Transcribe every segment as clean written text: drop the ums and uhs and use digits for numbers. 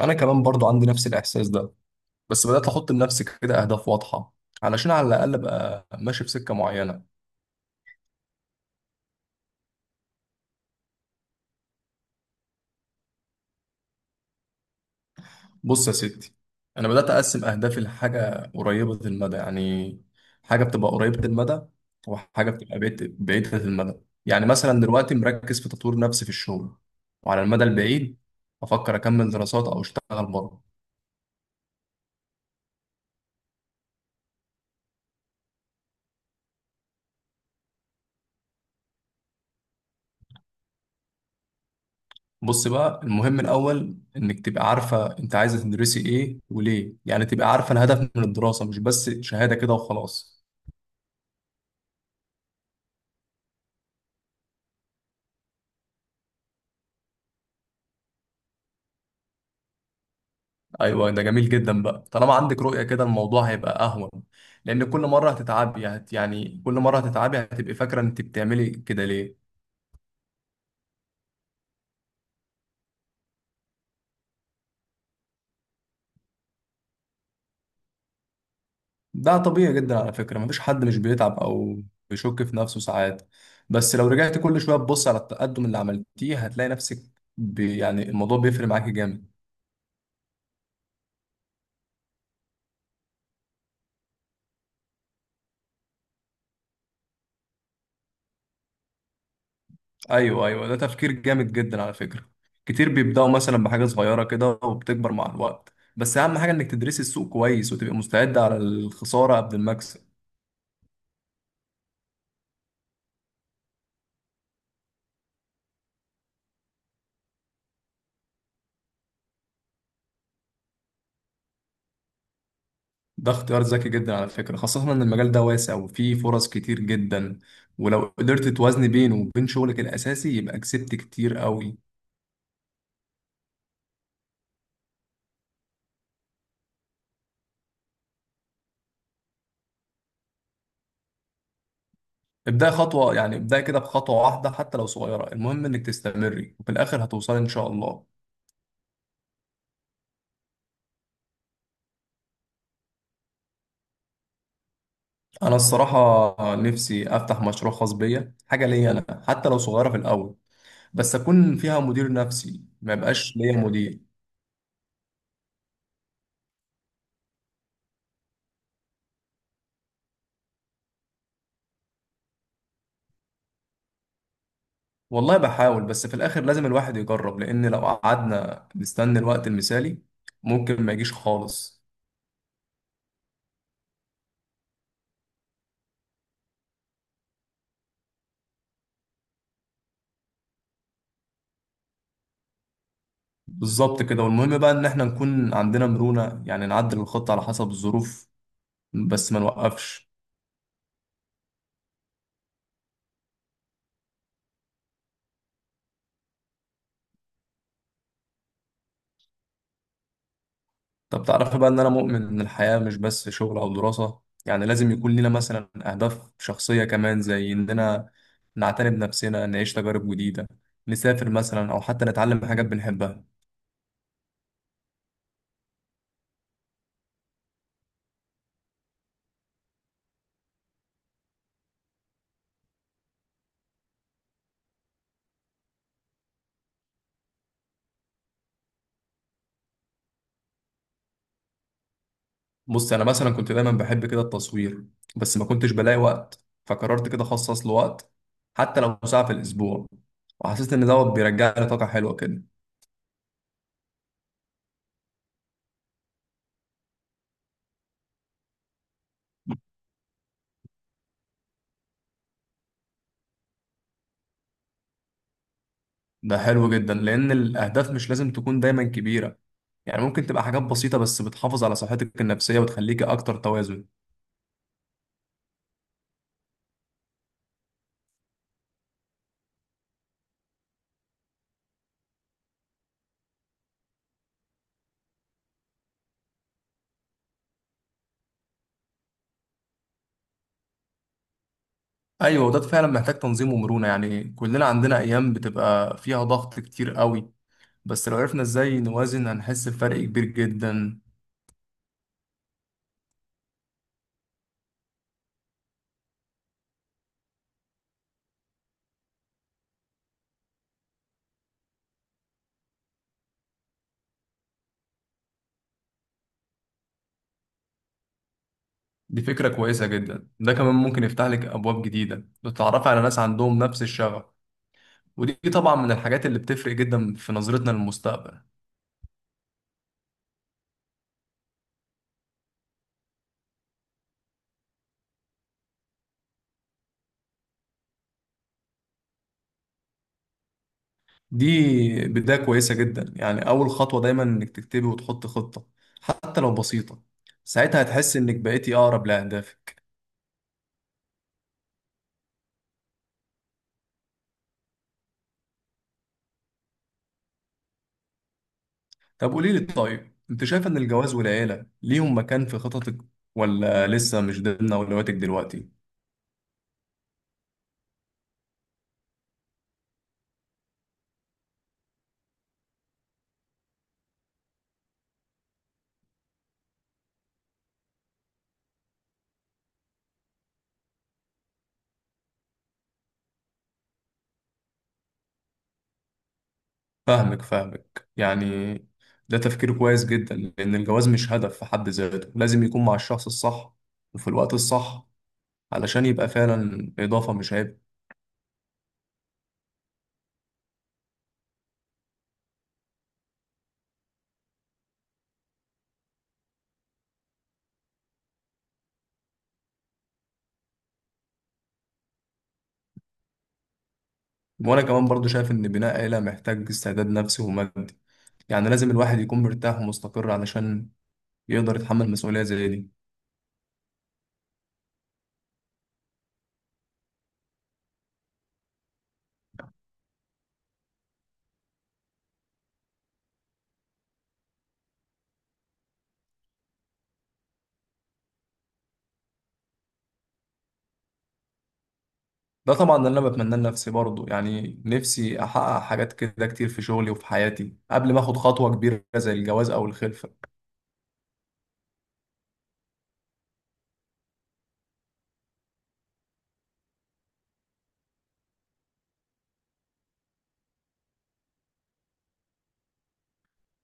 انا كمان برضو عندي نفس الاحساس ده. بس بدات احط لنفسي كده اهداف واضحه علشان على الاقل ابقى ماشي في سكه معينه. بص يا ستي، انا بدات اقسم اهدافي لحاجه قريبه المدى، يعني حاجه بتبقى قريبه المدى، بعيده المدى. يعني مثلا دلوقتي مركز في تطوير نفسي في الشغل، وعلى المدى البعيد افكر اكمل دراسات او اشتغل بره. بص بقى، المهم الأول إنك تبقى عارفة أنت عايزة تدرسي إيه وليه، يعني تبقى عارفة الهدف من الدراسة مش بس شهادة كده وخلاص. أيوة، ده جميل جدا بقى، طالما عندك رؤية كده الموضوع هيبقى أهون، لأن كل مرة هتتعبي هتبقي فاكرة أنت بتعملي كده ليه. ده طبيعي جدا على فكرة، مفيش حد مش بيتعب أو بيشك في نفسه ساعات. بس لو رجعت كل شوية تبص على التقدم اللي عملتيه هتلاقي نفسك، يعني الموضوع بيفرق معاكي جامد. ايوه ايوه، ده تفكير جامد جدا على فكره. كتير بيبداوا مثلا بحاجه صغيره كده وبتكبر مع الوقت، بس اهم حاجه انك تدرسي السوق كويس وتبقى مستعده على الخساره قبل المكسب. ده اختيار ذكي جدا على فكره، خاصه ان المجال ده واسع وفيه فرص كتير جدا، ولو قدرت توازني بينه وبين شغلك الاساسي يبقى كسبت كتير قوي. ابدأي خطوه، يعني ابدأي كده بخطوه واحده حتى لو صغيره، المهم انك تستمري وفي الاخر هتوصلي ان شاء الله. انا الصراحه نفسي افتح مشروع خاص بيا، حاجه ليا انا حتى لو صغيره في الاول، بس اكون فيها مدير نفسي ما يبقاش ليا مدير. والله بحاول، بس في الاخر لازم الواحد يجرب، لان لو قعدنا نستنى الوقت المثالي ممكن ما يجيش خالص. بالظبط كده. والمهم بقى ان احنا نكون عندنا مرونة، يعني نعدل الخطة على حسب الظروف، بس ما نوقفش. طب تعرف بقى ان انا مؤمن ان الحياة مش بس شغل او دراسة؟ يعني لازم يكون لنا مثلا اهداف شخصية كمان، زي اننا نعتني بنفسنا، نعيش تجارب جديدة، نسافر مثلا، او حتى نتعلم حاجات بنحبها. بص انا مثلا كنت دايما بحب كده التصوير، بس ما كنتش بلاقي وقت، فقررت كده اخصص له وقت حتى لو ساعة في الاسبوع، وحسيت ان دوت بيرجع لي طاقة حلوة كده. ده حلو جدا، لان الاهداف مش لازم تكون دايما كبيرة، يعني ممكن تبقى حاجات بسيطة بس بتحافظ على صحتك النفسية وتخليك اكتر توازن. ايوه، وده فعلا محتاج تنظيم ومرونة، يعني كلنا عندنا ايام بتبقى فيها ضغط كتير قوي، بس لو عرفنا ازاي نوازن هنحس بفرق كبير جدا. دي فكرة كويسة جدا، ده كمان ممكن يفتح لك أبواب جديدة لتتعرفي على ناس عندهم نفس الشغف، ودي طبعا من الحاجات اللي بتفرق جدا في نظرتنا للمستقبل. دي بداية كويسة جدا، يعني أول خطوة دايما إنك تكتبي وتحطي خطة حتى لو بسيطة، ساعتها هتحس إنك بقيتي أقرب لأهدافك. طب قولي لي، طيب أنت شايفة إن الجواز والعيلة ليهم مكان في خططك ولا لسه مش ضمن أولوياتك دلوقتي؟ فاهمك فاهمك، يعني ده تفكير كويس جدا، لأن الجواز مش هدف في حد ذاته، لازم يكون مع الشخص الصح وفي الوقت الصح، علشان يبقى فعلا إضافة مش عيب. وأنا كمان برضو شايف إن بناء عيلة محتاج استعداد نفسي ومادي، يعني لازم الواحد يكون مرتاح ومستقر علشان يقدر يتحمل مسؤولية زي دي. ده طبعا اللي أنا بتمناه لنفسي برضو، يعني نفسي أحقق حاجات كده كتير في شغلي وفي حياتي قبل ما أخد خطوة كبيرة زي الجواز أو الخلفة.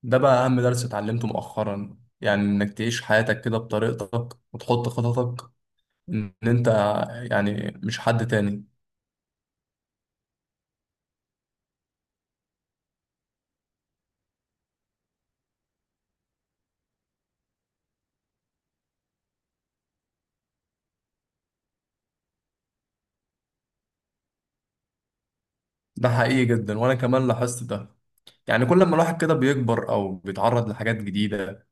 ده بقى أهم درس اتعلمته مؤخرا، يعني إنك تعيش حياتك كده بطريقتك وتحط خططك إن أنت، يعني مش حد تاني. ده حقيقي جدا، وأنا كمان لاحظت ده. يعني كل ما الواحد كده بيكبر أو بيتعرض لحاجات جديدة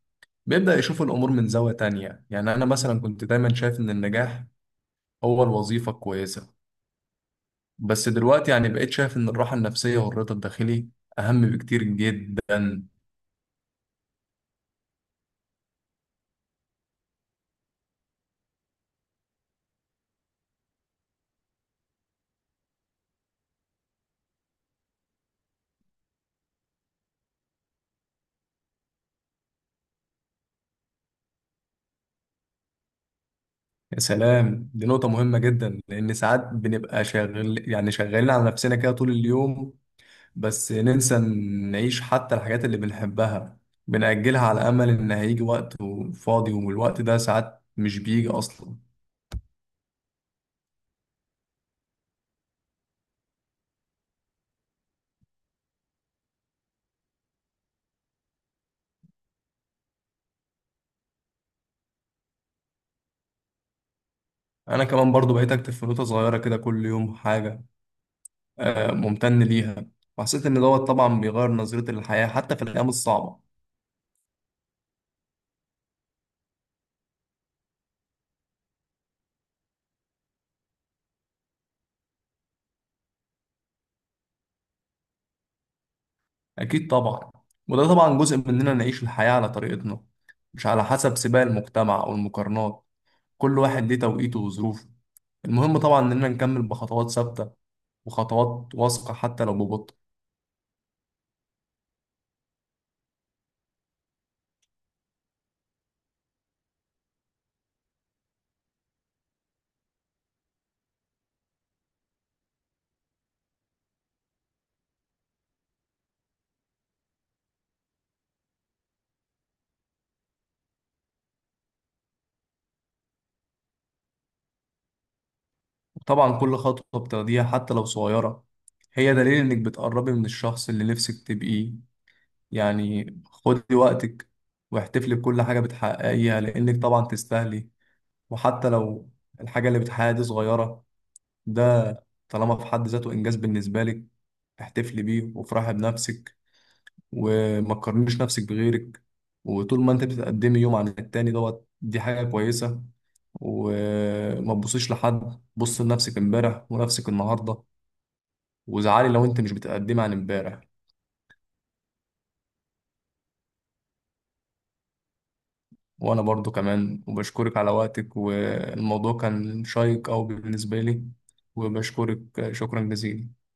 بيبدأ يشوف الأمور من زاوية تانية. يعني أنا مثلا كنت دايما شايف إن النجاح هو الوظيفة الكويسة، بس دلوقتي يعني بقيت شايف إن الراحة النفسية والرضا الداخلي أهم بكتير جدا. يا سلام، دي نقطة مهمة جدا، لأن ساعات بنبقى شغال، يعني شغالين على نفسنا كده طول اليوم، بس ننسى نعيش حتى الحاجات اللي بنحبها، بنأجلها على أمل إن هيجي وقت فاضي، والوقت ده ساعات مش بيجي أصلا. أنا كمان برضو بقيت أكتب في نوتة صغيرة كده كل يوم حاجة آه، ممتن ليها، وحسيت إن دوت طبعا بيغير نظرتي للحياة حتى في الأيام الصعبة. أكيد طبعا، وده طبعا جزء مننا، نعيش الحياة على طريقتنا مش على حسب سباق المجتمع أو المقارنات. كل واحد ليه توقيته وظروفه، المهم طبعا إننا نكمل بخطوات ثابتة وخطوات واثقة حتى لو ببطء. وطبعا كل خطوة بتاخديها حتى لو صغيرة هي دليل إنك بتقربي من الشخص اللي نفسك تبقيه، يعني خدي وقتك واحتفلي بكل حاجة بتحققيها، لأنك طبعا تستاهلي. وحتى لو الحاجة اللي بتحققها دي صغيرة، ده طالما في حد ذاته إنجاز بالنسبة لك، احتفلي بيه وافرحي بنفسك، وما تقارنيش نفسك بغيرك. وطول ما انت بتتقدمي يوم عن التاني، دوت دي حاجة كويسة. وما تبصيش لحد، بص لنفسك امبارح ونفسك النهاردة، وزعلي لو انت مش بتقدمي عن امبارح. وانا برضو كمان وبشكرك على وقتك، والموضوع كان شيق او بالنسبة لي. وبشكرك شكرا جزيلا.